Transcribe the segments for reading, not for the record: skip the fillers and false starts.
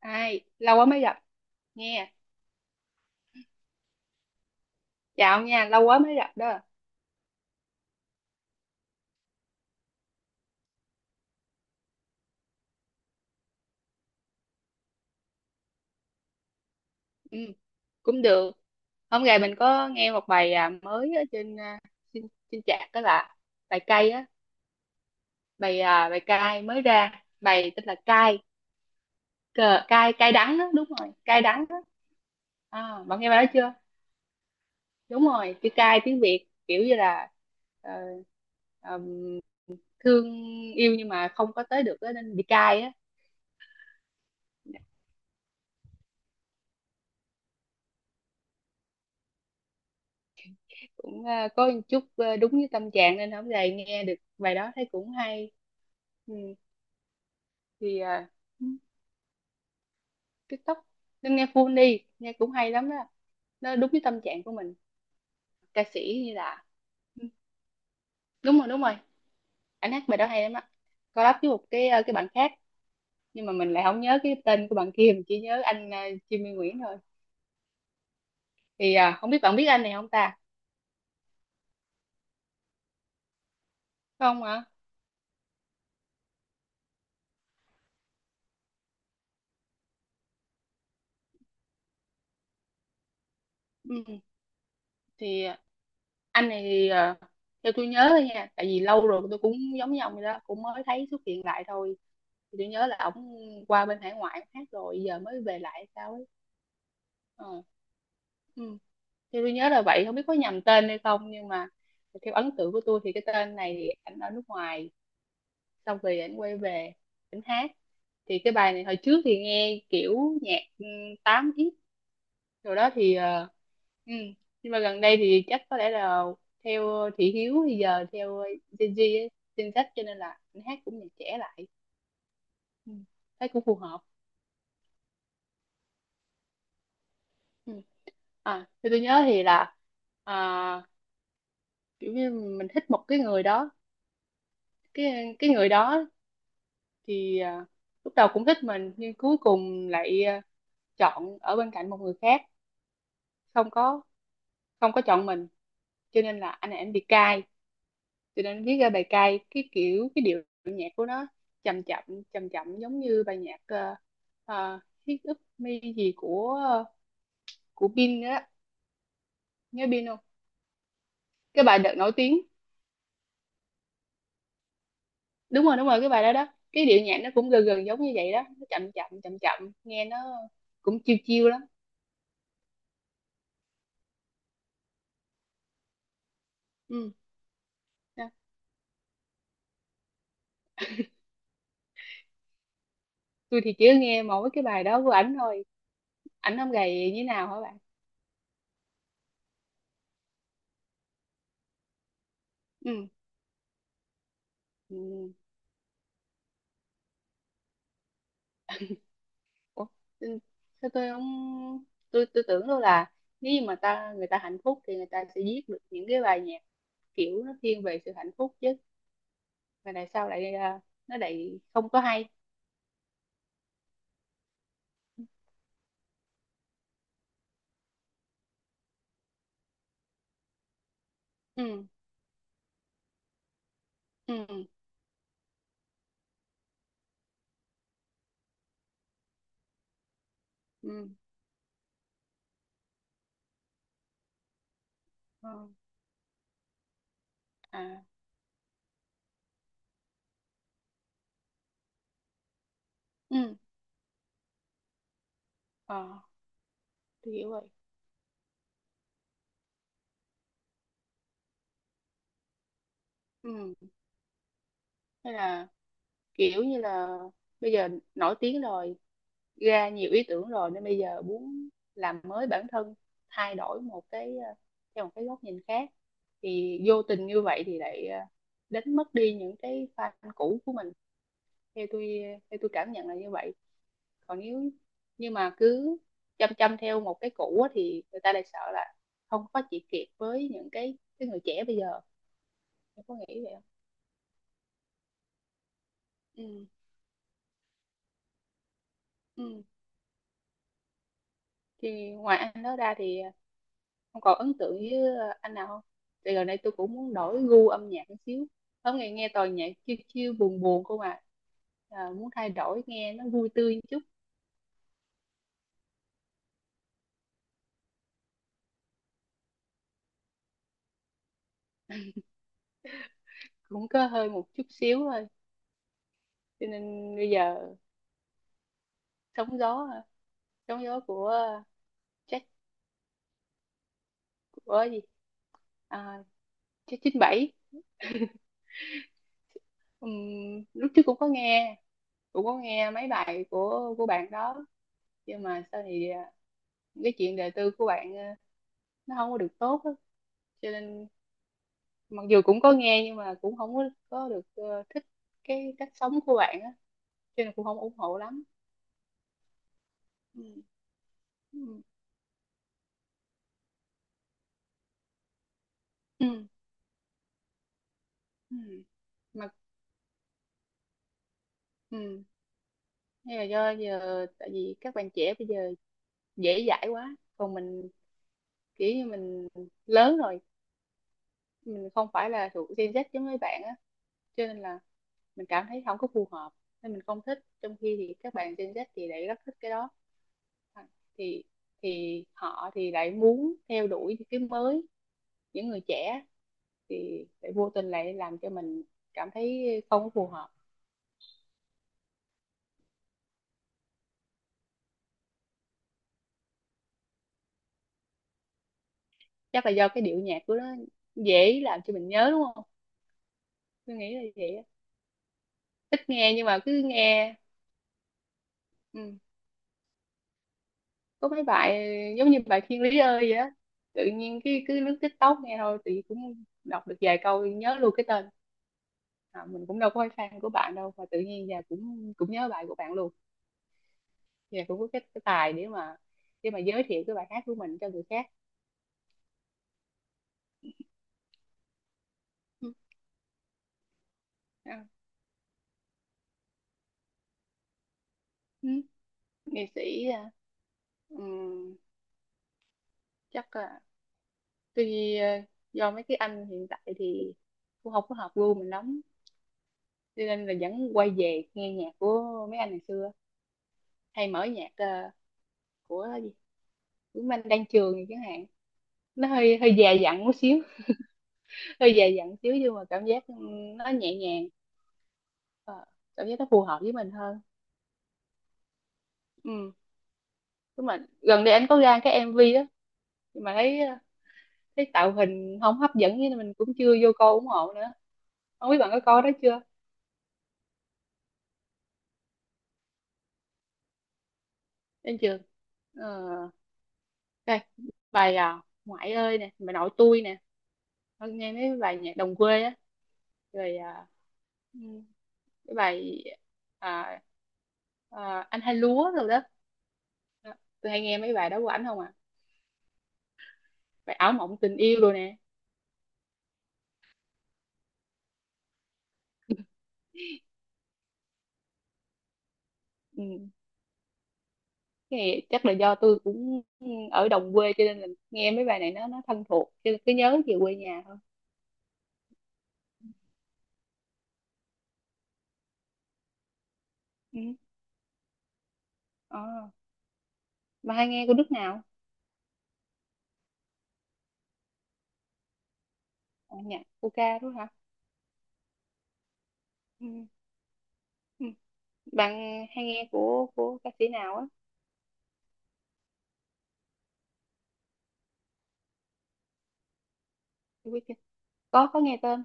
Ai, lâu quá mới gặp. Nghe. Chào nha, lâu quá mới gặp đó. Ừ, cũng được. Hôm nay mình có nghe một bài mới ở trên trên chat đó là bài cay á. Bài cay mới ra, bài tên là cay. Cờ cay, cay đắng á. Đúng rồi, cay đắng á. À, bạn nghe bài đó chưa? Đúng rồi, chữ cay tiếng Việt kiểu như là ờ, ờm, thương yêu nhưng mà không có tới được á, nên bị cay á. Cũng có một chút đúng với tâm trạng, nên hôm nay nghe được bài đó thấy cũng hay. Ừ. Thì TikTok nên nghe full đi, nghe cũng hay lắm đó. Nó đúng với tâm trạng của mình. Ca sĩ như là Ừ, đúng rồi, đúng rồi. Anh hát bài đó hay lắm á. Collab với một cái bạn khác, nhưng mà mình lại không nhớ cái tên của bạn kia, mình chỉ nhớ anh Jimmy Nguyễn thôi. Thì không biết bạn biết anh này không ta? Không ạ. Ừ. Thì anh này thì theo tôi nhớ thôi nha, tại vì lâu rồi tôi cũng giống như ông vậy đó, cũng mới thấy xuất hiện lại thôi. Thì tôi nhớ là ổng qua bên hải ngoại, ổng hát rồi giờ mới về lại hay sao ấy. Ờ. Ừ. Thì tôi nhớ là vậy, không biết có nhầm tên hay không, nhưng mà theo ấn tượng của tôi thì cái tên này thì ảnh ở nước ngoài, xong rồi ảnh quay về, ảnh hát. Thì cái bài này hồi trước thì nghe kiểu nhạc 8X rồi đó thì ừ. nhưng mà gần đây thì chắc có lẽ là theo thị hiếu bây giờ, theo Gen Z ấy, Gen Z, cho nên là anh hát cũng nhạc trẻ lại. Ừ. Thấy cũng phù hợp. Ừ. À thì tôi nhớ thì là à, kiểu như mình thích một cái người đó, cái người đó thì lúc đầu cũng thích mình nhưng cuối cùng lại chọn ở bên cạnh một người khác, không có không có chọn mình. Cho nên là anh này anh bị cay, cho nên viết ra bài cay. Cái kiểu, cái điệu nhạc của nó chậm chậm, chậm chậm giống như bài nhạc uh, Hit Up Me gì của Bin đó. Nhớ Bin không? Cái bài đợt nổi tiếng. Đúng rồi, đúng rồi, cái bài đó đó, cái điệu nhạc nó cũng gần gần giống như vậy đó, nó chậm chậm chậm chậm, nghe nó cũng chiêu chiêu lắm. Ừ. Đó. Tôi thì chỉ nghe mỗi cái bài đó của ảnh thôi. Ảnh không gầy như nào hả bạn? Ừ. Ừ. Ủa, ừ, sao tôi không, tôi tưởng đâu là nếu như mà người ta hạnh phúc thì người ta sẽ viết được những cái bài nhạc kiểu nó thiên về sự hạnh phúc chứ, mà tại sao lại nó lại không có hay? Ừ. Ừ. Ừ. Ờ. À. Ừ. Ờ, tôi hiểu rồi. Ừ. Thế là kiểu như là bây giờ nổi tiếng rồi, ra nhiều ý tưởng rồi nên bây giờ muốn làm mới bản thân, thay đổi một cái theo một cái góc nhìn khác, thì vô tình như vậy thì lại đánh mất đi những cái fan cũ của mình. Theo tôi theo tôi cảm nhận là như vậy. Còn nếu nhưng mà cứ chăm chăm theo một cái cũ á, thì người ta lại sợ là không có phát triển kịp với những cái người trẻ bây giờ. Em có nghĩ vậy không? Ừ. Ừ. Thì ngoài anh đó ra thì không còn ấn tượng với anh nào không? Thì gần đây tôi cũng muốn đổi gu âm nhạc một xíu. Hôm nay nghe toàn nhạc chill chill buồn buồn không à. Muốn thay đổi nghe nó vui tươi một chút, cũng có hơi một chút xíu thôi. Cho nên bây giờ sóng gió, sóng gió của Jack của gì? À, Jack 97. Ừm, lúc trước cũng có nghe, cũng có nghe mấy bài của bạn đó, nhưng mà sau thì cái chuyện đời tư của bạn nó không có được tốt á. Cho nên mặc dù cũng có nghe nhưng mà cũng không có, có được thích cái cách sống của bạn á, cho nên cũng không ủng hộ lắm. Ừ. Ừ. Ừ. Ừ. Mà, ừ. Nhưng mà do giờ tại vì các bạn trẻ bây giờ dễ dãi quá, còn mình kiểu như mình lớn rồi, mình không phải là thuộc Gen Z giống mấy bạn á, cho nên là mình cảm thấy không có phù hợp, nên mình không thích, trong khi thì các bạn Gen Z thì lại rất thích cái đó. À, thì thì họ thì lại muốn theo đuổi những cái mới, những người trẻ thì lại vô tình lại làm cho mình cảm thấy không có phù hợp. Chắc là do cái điệu nhạc của nó dễ làm cho mình nhớ đúng không? Tôi nghĩ là vậy á. Ít nghe nhưng mà cứ nghe. Ừ. Có mấy bài giống như bài Thiên Lý ơi vậy á, tự nhiên cái cứ lướt TikTok nghe thôi, tự nhiên cũng đọc được vài câu nhớ luôn cái tên. À, mình cũng đâu có phải fan của bạn đâu mà tự nhiên giờ cũng cũng nhớ bài của bạn luôn. Giờ cũng có cái tài để mà giới thiệu cái bài hát của mình cho người khác. Ừ. À. Ừ. Nghệ sĩ Ừm, chắc là tuy do mấy cái anh hiện tại thì cũng không có hợp gu mình lắm, cho nên là vẫn quay về nghe nhạc của mấy anh ngày xưa. Hay mở nhạc của gì, Tuấn Anh, Đan Trường chẳng hạn. Nó hơi hơi già dặn một xíu. Hơi già dặn xíu nhưng mà cảm giác nó nhẹ nhàng. Ờ, cảm giác nó phù hợp với mình hơn. Ừ. Đúng rồi, gần đây anh có ra cái MV đó nhưng mà thấy tạo hình không hấp dẫn nên mình cũng chưa vô coi ủng hộ nữa. Không biết bạn có coi đó chưa? Em chưa. Ờ, đây. Bài ngoại ơi nè, bài nội tôi nè. Con nghe mấy bài nhạc đồng quê á, rồi ừ, cái bài à, anh hai lúa rồi đó. Đó. Tôi hay nghe mấy bài đó của ảnh không à. Bài ảo mộng tình yêu rồi nè. Ừ. Cái này chắc là do tôi cũng ở đồng quê, cho nên là nghe mấy bài này nó thân thuộc, cho nên cứ nhớ về quê nhà thôi. Ừ. à, mà hay nghe của nước nào? À, nhạc của ca đúng hả? Ừ. Bạn hay nghe của ca sĩ nào á? Tôi biết chưa? Có nghe tên.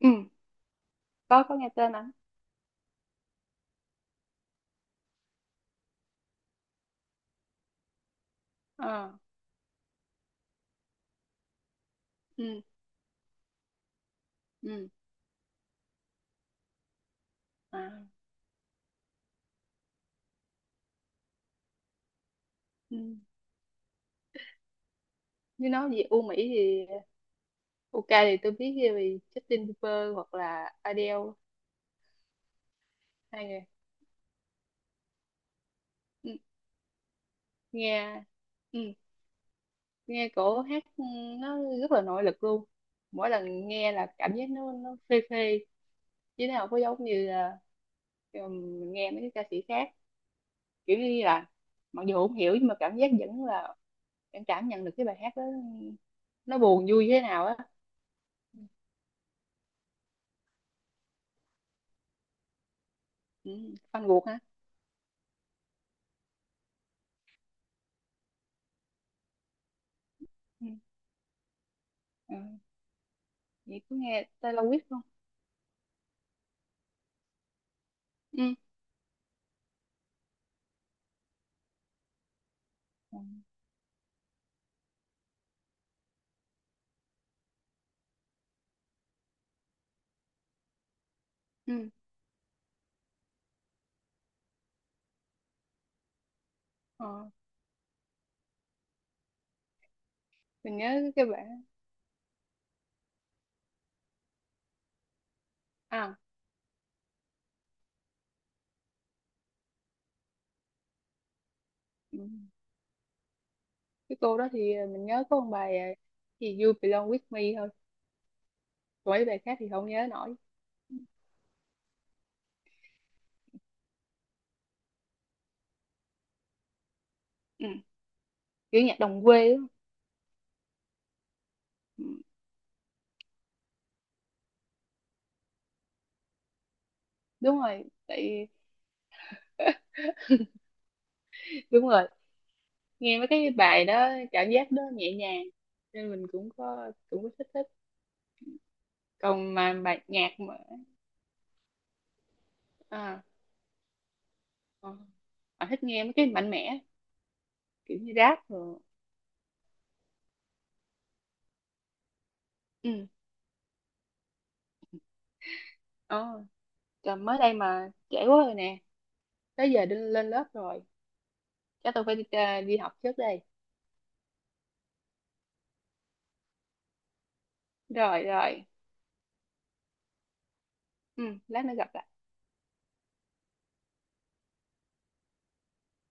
Ừ. Có nghe tên ảnh. À. Ừ. Ừ. À. Ừ. Nếu nói về U Mỹ thì UK thì tôi biết về Justin Bieber hoặc là Adele. Hai người. Ừ. Nghe. Ừ. Nghe cổ hát nó rất là nội lực luôn. Mỗi lần nghe là cảm giác nó phê phê. Chứ nào có giống như là mình nghe mấy cái ca sĩ khác, kiểu như là mặc dù không hiểu nhưng mà cảm giác vẫn là em cảm nhận được cái bài hát đó nó buồn vui thế nào á. Ừ. Fan ruột hả? Ừ. Ừ. Vậy cứ nghe Taylor Swift không? Ừ. Ừ. Ừ. Ờ. Mình nhớ cái bản à ừ. Cái cô đó thì mình nhớ có một bài thì You Belong With Me thôi. Còn mấy bài khác thì không nhớ nổi. Ừ. Kiểu nhạc đồng quê á. Ừ. Đúng rồi tại đúng rồi, nghe mấy cái bài đó cảm giác đó nhẹ nhàng, nên mình cũng có thích thích. Còn mà bài nhạc mà à, à, thích nghe mấy cái mạnh mẽ, kiểu như rap rồi. Ừ. Ờ trời, mới đây mà trễ quá rồi nè. Tới giờ đi lên lớp rồi. Chắc tôi phải đi học trước đây. Rồi rồi. Ừ, lát nữa gặp lại.